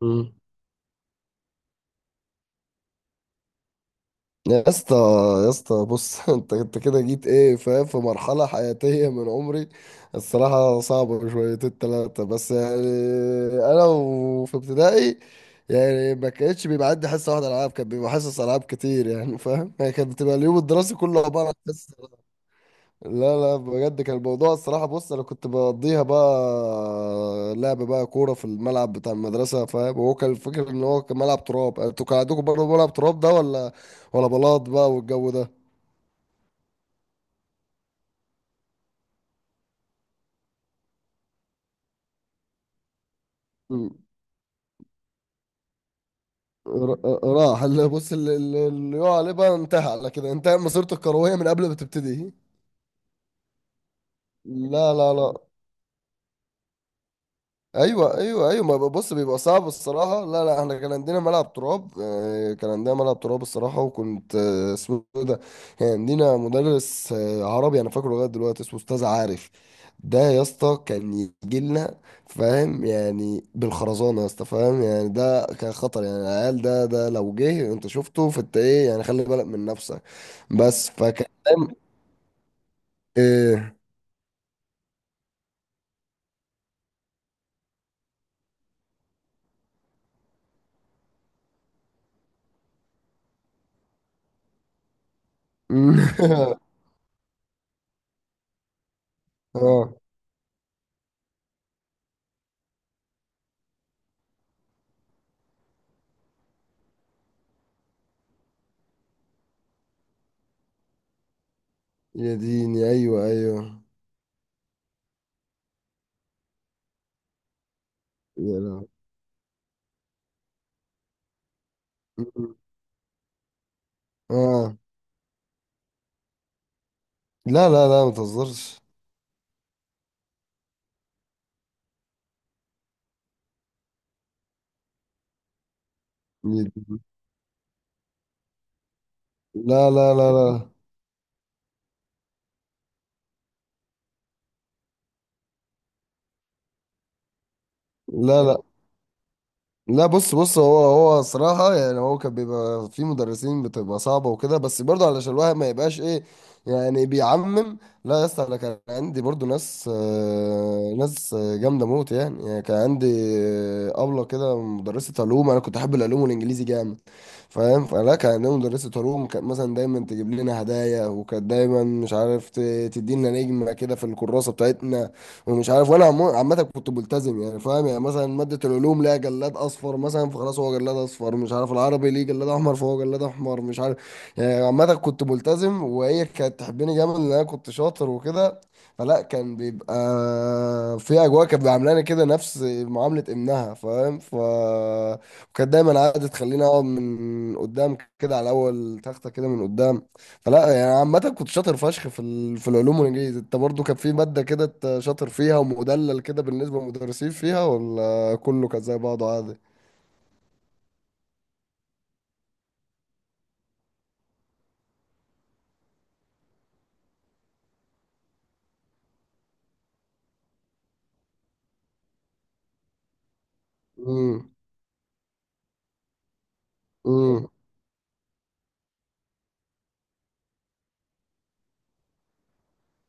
مم. يا اسطى يا اسطى بص، انت كده جيت ايه، فاهم؟ في مرحلة حياتية من عمري. الصراحة صعبة شويتين تلاتة بس، يعني انا وفي ابتدائي. يعني ما كانتش بيبقى عندي حصة واحدة العاب، كان بيبقى حصص العاب كتير، يعني فاهم؟ يعني كانت بتبقى اليوم الدراسي كله عبارة عن حصص. لا لا، بجد كان الموضوع الصراحة. بص أنا كنت بقضيها بقى لعب بقى كورة في الملعب بتاع المدرسة. فاهم؟ هو كان الفكرة إن هو كان ملعب تراب. أنتوا كان عندكم برضه ملعب تراب ده، ولا ولا بلاط بقى والجو ده؟ م. راح اللي بص اللي يقع عليه بقى انتهى على كده. انتهى مسيرته الكروية من قبل ما تبتدي. لا لا لا. ايوه ايوه ايوه، ما بص بيبقى صعب الصراحه. لا لا، احنا كان عندنا ملعب تراب، كان عندنا ملعب تراب الصراحه. وكنت، اسمه إيه ده، كان عندنا مدرس عربي انا فاكره لغايه دلوقتي اسمه استاذ عارف. ده يا اسطى كان يجي لنا فاهم، يعني بالخرزانه يا اسطى. فاهم يعني ده كان خطر، يعني العيال ده لو جه انت شفته فانت ايه يعني، خلي بالك من نفسك. بس فكان فاهم. ايه؟ اه. يا ديني، ايوه ايوه. يا لهوي. اه، لا لا لا، ما تهزرش. لا لا لا لا لا لا، لا بص هو صراحة، يعني هو كان بيبقى في مدرسين بتبقى صعبة وكده، بس برضه علشان الواحد ما يبقاش ايه، يعني بيعمم. لا يا اسطى، انا كان عندي برضه ناس، ناس جامدة موت. يعني كان عندي أبلة كده، مدرسة علوم. انا كنت احب العلوم والانجليزي جامد. فاهم؟ فلا كان عندنا مدرسة علوم، كانت مثلا دايما تجيب لنا هدايا، وكانت دايما مش عارف تدينا نجمة كده في الكراسة بتاعتنا. ومش عارف، وانا عامة كنت ملتزم، يعني فاهم يعني مثلا مادة العلوم ليها جلاد اصفر مثلا، فخلاص هو جلاد اصفر مش عارف، العربي ليه جلاد احمر فهو جلاد احمر مش عارف. يعني عامة كنت ملتزم، وهي كانت تحبني جامد لان انا كنت شاطر وكده. فلا كان بيبقى في اجواء كانت بيعاملاني كده نفس معاملة ابنها. فاهم؟ ف، وكانت دايما قاعدة تخليني اقعد من قدام كده على اول تخته كده من قدام. فلا، يعني عامه كنت شاطر فشخ في العلوم والانجليزي. انت برضو كان في ماده كده انت شاطر فيها ومدلل كده بالنسبه للمدرسين فيها، ولا كله كان زي بعضه عادي؟ امم. امم.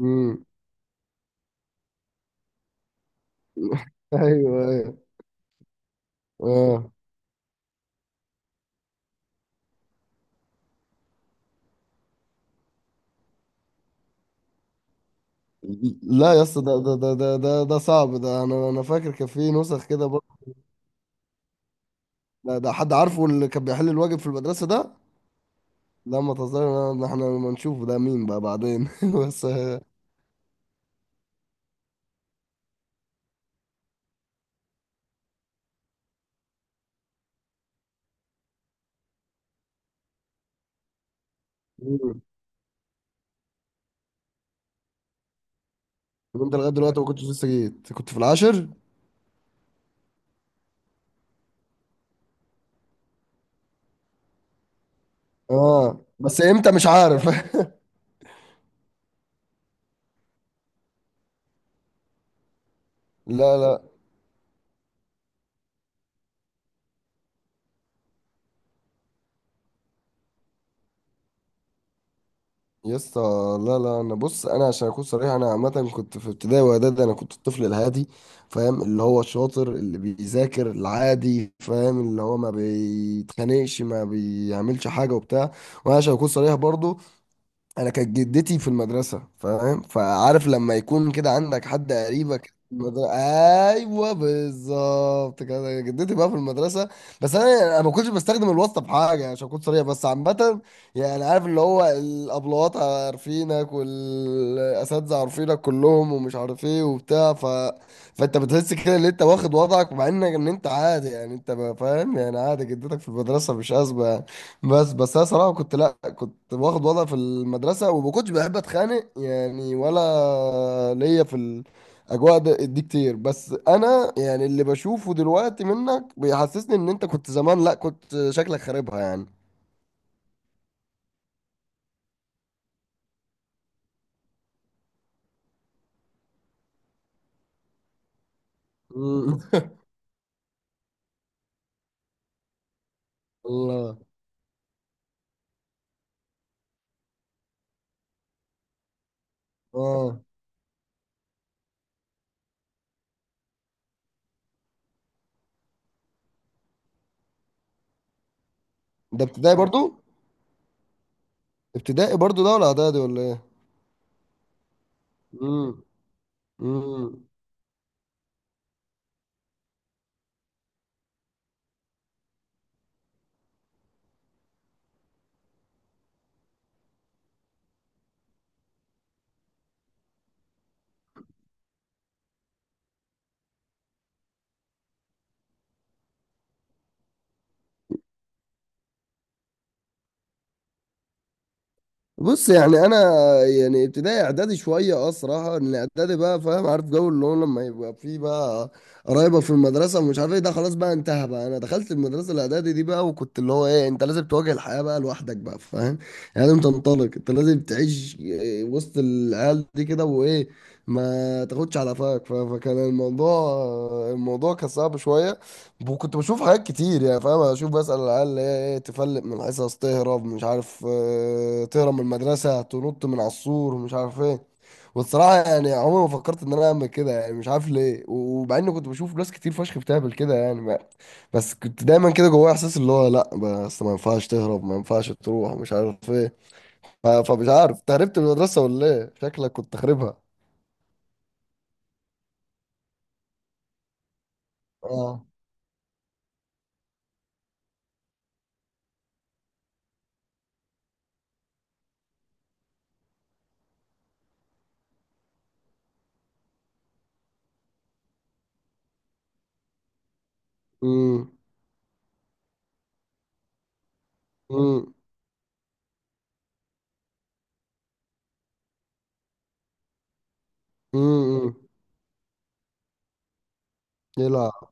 امم. ايوه ايوه. اه، لا يا اسطى، ده صعب ده، انا فاكر كان في نسخ كده برضه. ده حد عارفه اللي كان بيحل الواجب في المدرسه ده. لا ما تهزرش، احنا ما نشوفه ده مين بقى بعدين. بس. مم. طب انت لغايه دلوقتي ما كنتش لسه جيت، كنت في العاشر؟ اه، بس امتى مش عارف. لا لا يا اسطى. لا لا، انا بص، انا عشان اكون صريح، انا عامه كنت في ابتدائي واعدادي، انا كنت الطفل الهادي. فاهم اللي هو الشاطر اللي بيذاكر العادي، فاهم اللي هو ما بيتخانقش ما بيعملش حاجه وبتاع. وانا عشان اكون صريح برضو، انا كانت جدتي في المدرسه. فاهم؟ فعارف لما يكون كده عندك حد قريبك في المدرسه. ايوه بالظبط كده، جدتي بقى في المدرسه. بس انا يعني انا ما كنتش بستخدم الواسطه في حاجه عشان اكون صريح، بس عامه يعني عارف اللي هو الابلوات عارفينك، والاساتذه عارفينك كلهم، ومش عارف ايه وبتاع، ف... فانت بتحس كده ان انت واخد وضعك، مع انك ان انت عادي، يعني انت ما فاهم يعني عادي، جدتك في المدرسه مش ازمه. بس انا صراحه كنت، لا كنت واخد وضع في المدرسه، وما كنتش بحب اتخانق يعني، ولا ليا في الاجواء دي كتير. بس انا يعني اللي بشوفه دلوقتي منك بيحسسني ان انت كنت زمان، لا كنت شكلك خاربها يعني. مم. الله. اه، ده ابتدائي برضو، ابتدائي برضو ده، ولا اعدادي ولا ايه؟ مم. امم. بص يعني انا، يعني ابتدائي اعدادي شويه اه صراحه، ان اعدادي بقى فاهم، عارف جو اللي هو لما يبقى فيه بقى قرايبك في المدرسه ومش عارف ايه ده، خلاص بقى انتهى بقى. انا دخلت المدرسه الاعدادي دي بقى، وكنت اللي هو ايه، انت لازم تواجه الحياه بقى لوحدك بقى. فاهم؟ يعني لازم تنطلق، انت لازم تعيش إيه وسط العيال دي كده وايه، ما تاخدش على قفاك. فكان الموضوع، الموضوع كان صعب شويه. كنت بشوف حاجات كتير يعني، فاهم؟ اشوف بسأل العيال اللي هي ايه تفلق من الحصص، تهرب مش عارف، تهرب من المدرسة، تنط من على السور مش عارف ايه. والصراحة يعني عمري ما فكرت ان انا اعمل كده يعني، مش عارف ليه، ومع اني كنت بشوف ناس كتير فشخ بتعمل كده يعني، بس كنت دايما كده جوايا احساس اللي هو لا، بس ما ينفعش تهرب، ما ينفعش تروح مش عارف ايه. فمش عارف انت هربت من المدرسة ولا ايه، شكلك كنت خاربها. اه. امم. امم. امم. يلعب.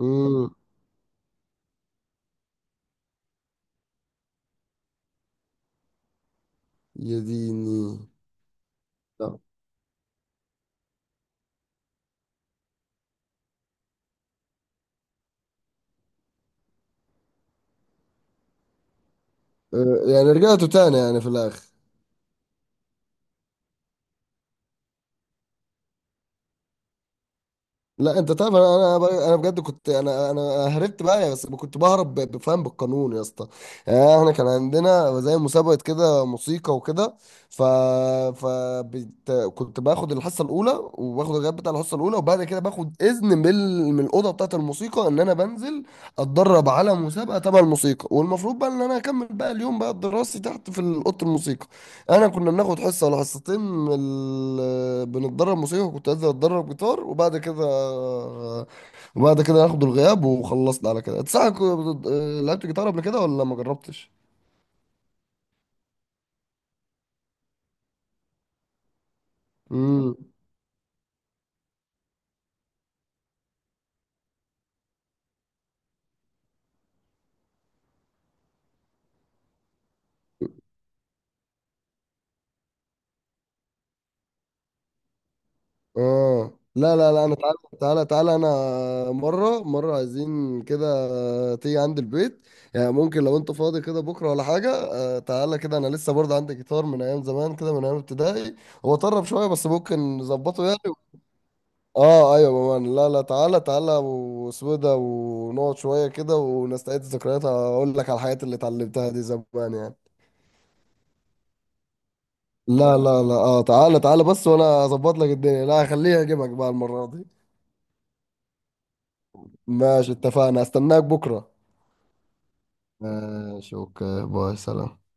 امم. يا ديني. لا. يعني رجعتوا تاني يعني في الاخر؟ لا انت تعرف، انا بجد كنت، انا هربت بقى يا، بس كنت بهرب بفهم بالقانون يا اسطى. يعني احنا كان عندنا زي مسابقه كده موسيقى وكده. ف ف كنت باخد الحصه الاولى، وباخد الغياب بتاع الحصه الاولى، وبعد كده باخد اذن من من الاوضه بتاعه الموسيقى ان انا بنزل اتدرب على مسابقه تبع الموسيقى، والمفروض بقى ان انا اكمل بقى اليوم بقى الدراسي تحت في اوضه الموسيقى. انا كنا بناخد حصه ولا حصتين من ال... بنتدرب موسيقى، وكنت انزل اتدرب جيتار، وبعد كده، وبعد كده ناخد الغياب وخلصنا على كده. انت صح لعبت جيتار قبل كده، ولا ما جربتش؟ امم. اه، لا لا لا، انا تعالى تعالى تعالى، انا مره مره عايزين كده تيجي عند البيت. يعني ممكن لو انت فاضي كده بكره ولا حاجه، تعالى كده. انا لسه برضه عندي جيتار من ايام زمان كده، من ايام ابتدائي. هو طرب شويه بس ممكن نظبطه يعني. اه ايوه يا مان، لا لا، تعالى تعالى، واسمه إيه ده، ونقعد شويه كده ونستعيد الذكريات، اقول لك على الحاجات اللي اتعلمتها دي زمان يعني. لا لا لا، اه تعالى تعالى، بس وانا اظبط لك الدنيا. لا خليها اجيبك بقى المره دي. ماشي، اتفقنا، استناك بكره. ماشي، اوكي، باي سلام.